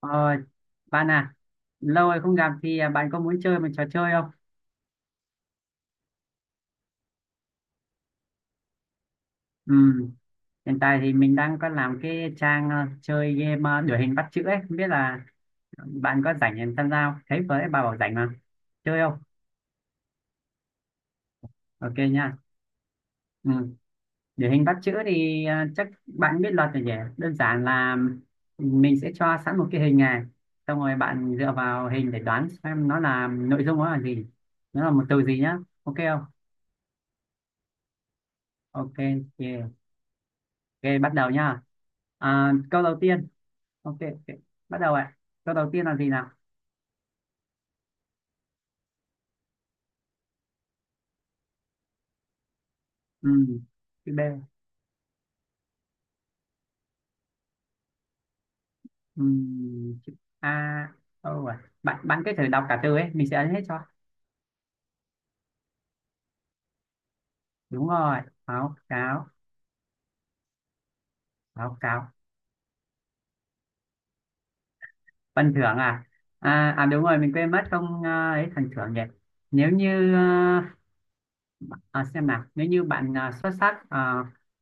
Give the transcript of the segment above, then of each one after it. Ờ, bạn à, lâu rồi không gặp thì à, bạn có muốn chơi một trò chơi không? Ừ, hiện tại thì mình đang có làm cái trang à, chơi game à, đuổi hình bắt chữ ấy, không biết là bạn có rảnh để tham gia không? Thấy với bà bảo rảnh mà, chơi không? Ok nha. Ừ. Đuổi hình bắt chữ thì à, chắc bạn biết luật rồi nhỉ? Đơn giản là mình sẽ cho sẵn một cái hình này, xong rồi bạn dựa vào hình để đoán xem nó là nội dung nó là gì, nó là một từ gì nhá, ok không? Ok, yeah. Ok, bắt đầu nhá. À, câu đầu tiên. Ok. Bắt đầu ạ. Câu đầu tiên là gì nào? Ừ, chữ B. Ừ, chữ A. Đâu rồi? Bạn cứ thử đọc cả từ ấy. Mình sẽ ấn hết cho. Đúng rồi. Báo cáo. Báo cáo. Phần thưởng à? À, à đúng rồi. Mình quên mất không à, ấy phần thưởng nhỉ. Nếu như... À, à, xem nào. Nếu như bạn à, xuất sắc à,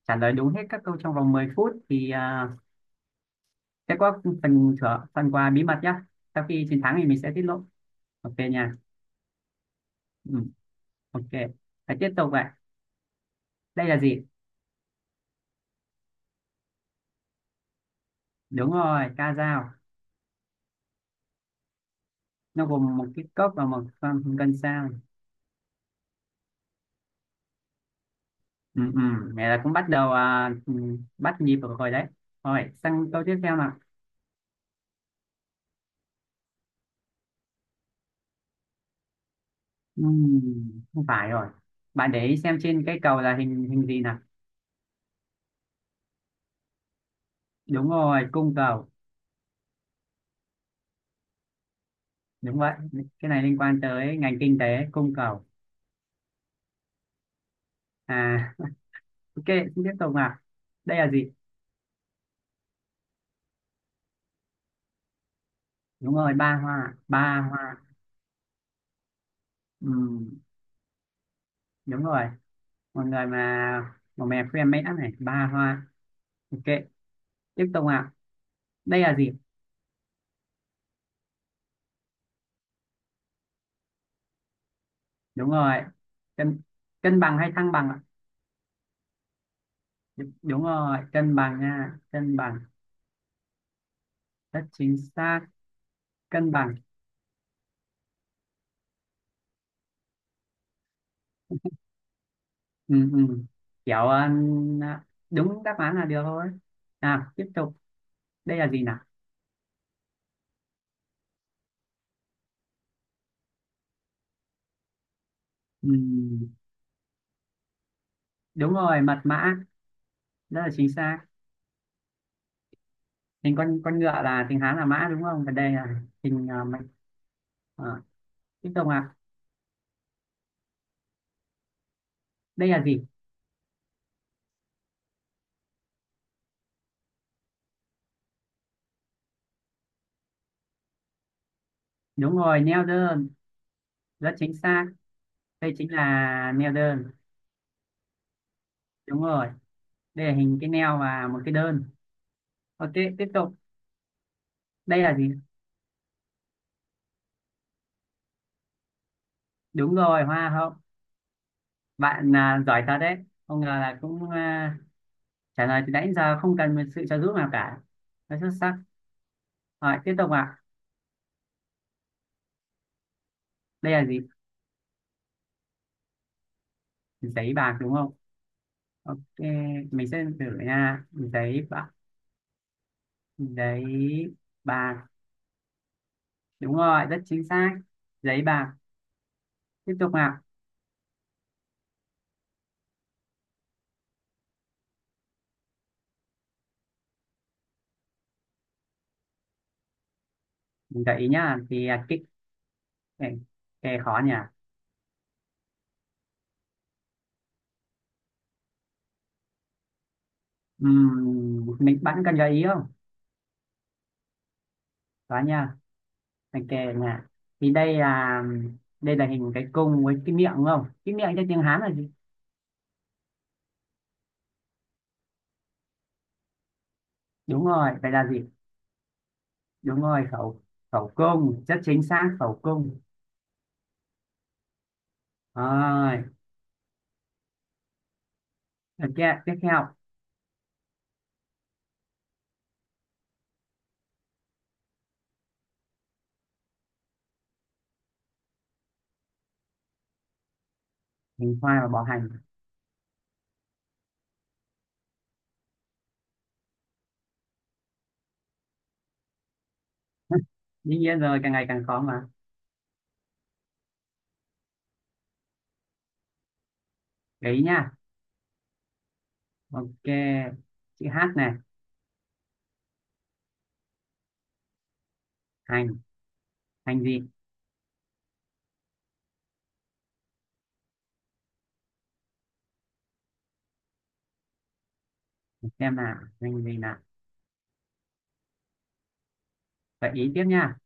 trả lời đúng hết các câu trong vòng 10 phút thì à, sẽ có phần thưởng, phần quà bí mật nhá. Sau khi chiến thắng thì mình sẽ tiết lộ. Ok nha. Ừ, ok. Hãy tiếp tục vậy. Đây là gì? Đúng rồi, ca dao. Nó gồm một cái cốc và một con cân sao. Ừ. Này là cũng bắt đầu à, ừ, bắt nhịp được rồi đấy. Rồi, sang câu tiếp theo nào. Ừ, không phải rồi. Bạn để ý xem trên cái cầu là hình hình gì nào. Đúng rồi, cung cầu. Đúng vậy. Cái này liên quan tới ngành kinh tế, cung cầu. À, ok, tiếp tục nào. Đây là gì? Đúng rồi, ba hoa. Ba hoa. Ừ, đúng rồi. Một người mà một mẹ khuyên mẽ này ba hoa. Ok, tiếp tục ạ. Đây là gì? Đúng rồi, cân. Cân bằng hay thăng bằng ạ? Đ- đúng rồi cân bằng nha, cân bằng, rất chính xác, cân bằng. Ừ Kiểu ờ, à, đúng đáp án là được thôi. Nào tiếp tục. Đây là gì nào? Ừ, đúng rồi mật mã. Rất là chính xác. Hình con ngựa là tiếng Hán là mã đúng không, và đây là hình ờ, mạch- ờ, tiếp tục ạ. Đây là gì? Đúng rồi, neo đơn. Rất chính xác. Đây chính là neo đơn. Đúng rồi. Đây là hình cái neo và một cái đơn. Ok, tiếp tục. Đây là gì? Đúng rồi, hoa hậu. Bạn à, giỏi thật đấy, không ngờ là cũng à, trả lời từ nãy giờ không cần một sự trợ giúp nào cả. Rất xuất sắc. Rồi tiếp tục ạ. Đây là gì? Giấy bạc đúng không? Ok, mình sẽ thử nha. Giấy bạc. Giấy bạc. Đúng rồi, rất chính xác. Giấy bạc. Tiếp tục ạ. Mình gợi ý nhá thì à, cái, cái khó nhỉ. Mình bạn cần gợi ý không? Đó nha, mình kể nha. Thì đây là hình cái cung với cái miệng đúng không? Cái miệng cho tiếng Hán là gì? Đúng rồi, vậy là gì? Đúng rồi, khẩu, khẩu cung, rất chính xác khẩu cung. Rồi, ok, tiếp theo. Hình khoai và bọ hành. Đương nhiên rồi, càng ngày càng khó mà. Gợi ý nha. Ok, chữ H này, hành, hành gì? Để xem nào, hành gì nào. Gợi ý tiếp nha.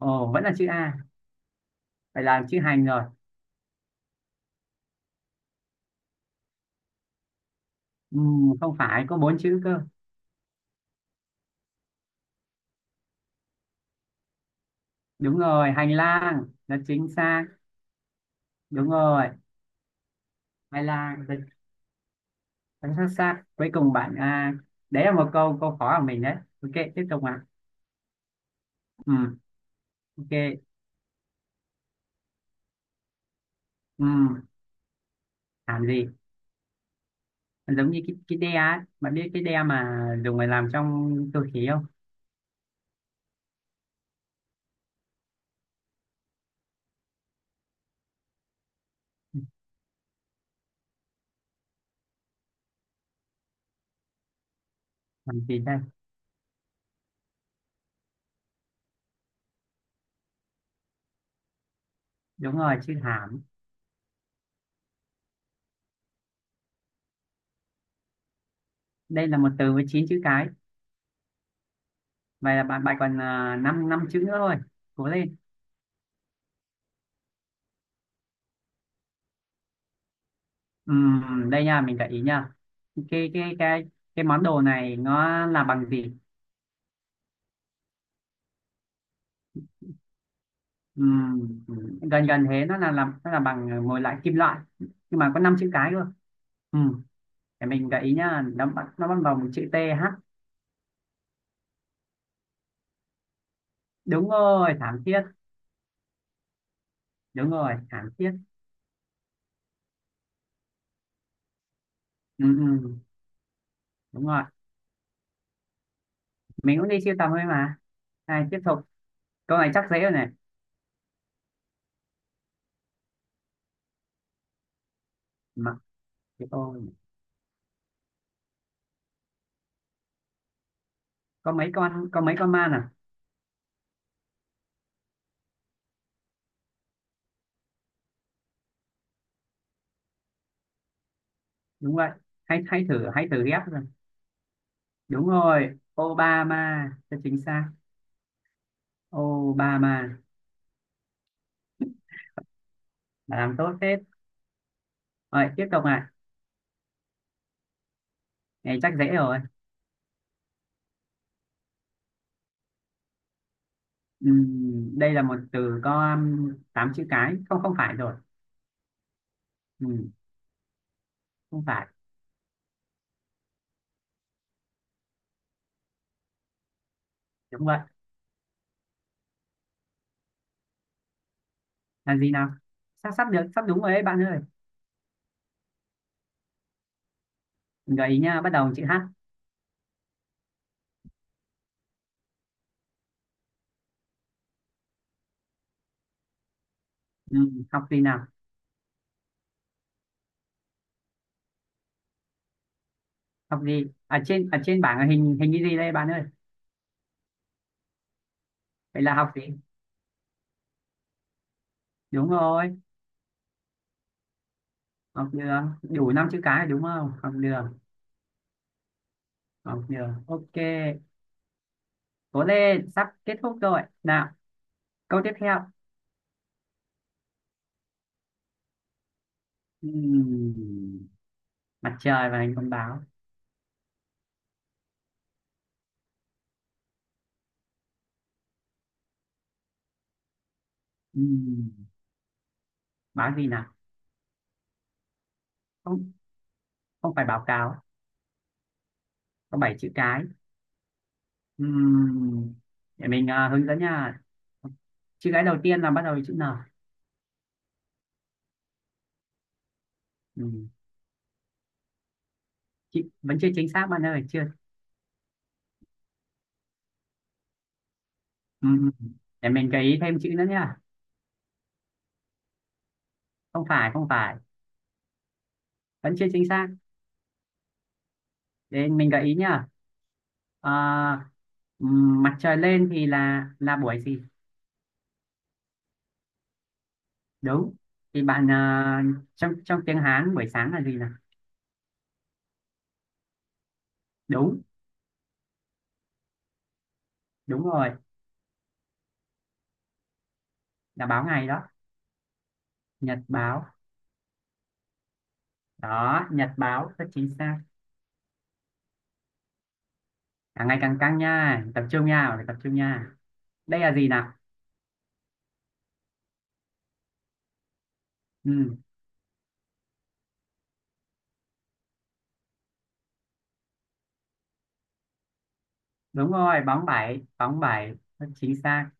Ồ, vẫn là chữ A, vậy là chữ hành rồi. Không phải, có bốn chữ cơ. Đúng rồi hành lang là chính xác. Đúng rồi hành lang. Chính, chính xác. Cuối cùng bạn à, đấy là một câu câu khó của mình đấy. Ok, tiếp tục ạ. Ừ, ok. Ừ, làm gì. Giống như cái đe á, bạn biết cái đe mà dùng để làm trong cơ khí không? Làm gì đây. Đúng rồi chữ hãm. Đây là một từ với chín chữ cái. Vậy là bạn bạn còn 5 năm chữ nữa thôi. Cố lên. Đây nha mình gợi ý nha. cái cái cái cái món đồ này nó là bằng gì? Ừ, ừ. Gần gần thế, nó là làm nó là bằng một lại kim loại nhưng mà có năm chữ cái cơ. Ừ. Để mình gợi ý nhá, nó bắt đầu bằng chữ T H. Đúng rồi thảm thiết. Đúng rồi thảm thiết. Ừ Đúng rồi. Mình cũng đi siêu tầm thôi mà. Này tiếp tục. Câu này chắc dễ rồi này. Mà cái câu này. Có mấy con, có mấy con ma à? Đúng vậy. Hãy hãy thử, hãy thử ghép rồi. Đúng rồi Obama cho chính xác. Obama. Bà làm tốt hết. Rồi tiếp tục này. Này chắc dễ rồi. Đây là một từ có tám chữ cái. Không không phải rồi. Ừm, không phải. Đúng vậy. Là gì nào? Sắp sắp được, sắp đúng rồi đấy bạn ơi. Mình gợi ý nha, bắt đầu bằng chữ H. Học gì nào? Học gì? Ở trên ở trên bảng là hình hình cái gì đây bạn ơi? Vậy là học gì? Đúng rồi học đường, đủ năm chữ cái đúng không? Học đường. Học đường. Ok, cố lên, sắp kết thúc rồi nào. Câu tiếp theo. Ừm, mặt trời và hình con báo. Ừm, báo gì nào? Không, không phải báo cáo. Có 7 chữ cái. Ừm, để mình à, hướng dẫn nha. Chữ cái đầu tiên là bắt đầu với chữ N. Ừm, chị vẫn chưa chính xác bạn ơi, chưa. Ừm, để mình gợi ý thêm chữ nữa nha. Không phải, không phải, vẫn chưa chính xác. Để mình gợi ý nha. Ờ, mặt trời lên thì là buổi gì? Đúng. Thì bạn à, trong trong tiếng Hán buổi sáng là gì nào? Đúng. Đúng rồi. Là báo ngày đó. Nhật báo. Đó nhật báo rất chính xác. Càng ngày càng căng nha, tập trung nha, phải tập trung nha. Đây là gì nào? Ừ, đúng rồi, bóng bảy bóng bảy. Chính xác.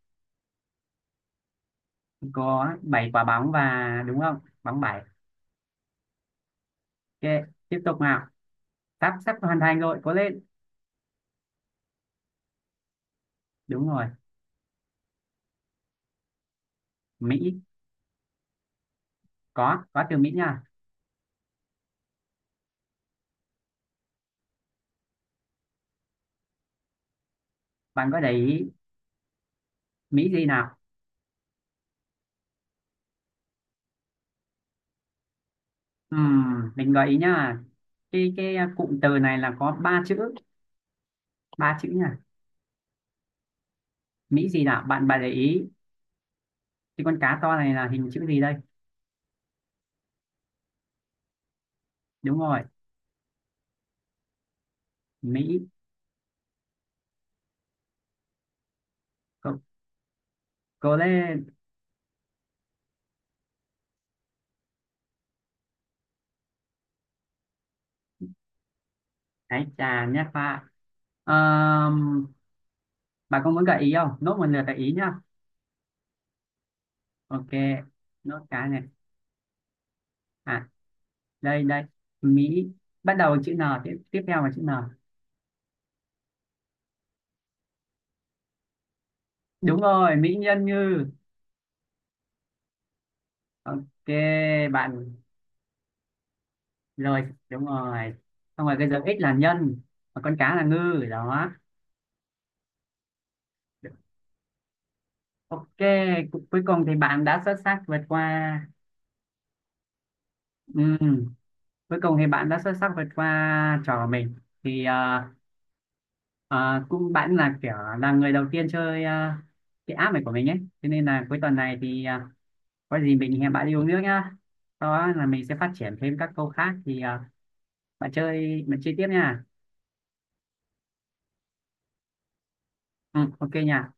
Có bảy quả bóng và đúng không, bóng bảy. Ok, tiếp tục nào. Sắp sắp hoàn thành rồi, cố lên. Đúng rồi Mỹ. Có từ Mỹ nha. Bạn có để ý. Mỹ gì nào? Mình gợi ý nhá, cái cụm từ này là có ba chữ. Ba chữ nha. Mỹ gì nào bạn, bạn để ý. Cái con cá to này là hình chữ gì đây? Đúng rồi Mỹ. Cố, cố lên. Hãy chà nhé pha. Bà có muốn gợi ý không? Nốt một lượt gợi ý nhá. Ok, nốt cái này. À, đây đây. Mỹ, bắt đầu chữ N, tiếp tiếp theo là chữ N. Đúng rồi, Mỹ nhân Như. Ok, bạn rồi, đúng rồi. Xong rồi cái dấu X là nhân, và con cá là ngư đó. Ok, cu- cuối cùng thì bạn đã xuất sắc vượt qua. Ừ, cuối cùng thì bạn đã xuất sắc vượt qua trò của mình. Thì ờ, à, cũng bạn là kiểu là người đầu tiên chơi à, cái app này của mình ấy cho nên là cuối tuần này thì à, có gì mình hẹn bạn đi uống nước nhá. Sau đó là mình sẽ phát triển thêm các câu khác thì à, bạn chơi, bạn chơi tiếp nha. Ừ, ok nha.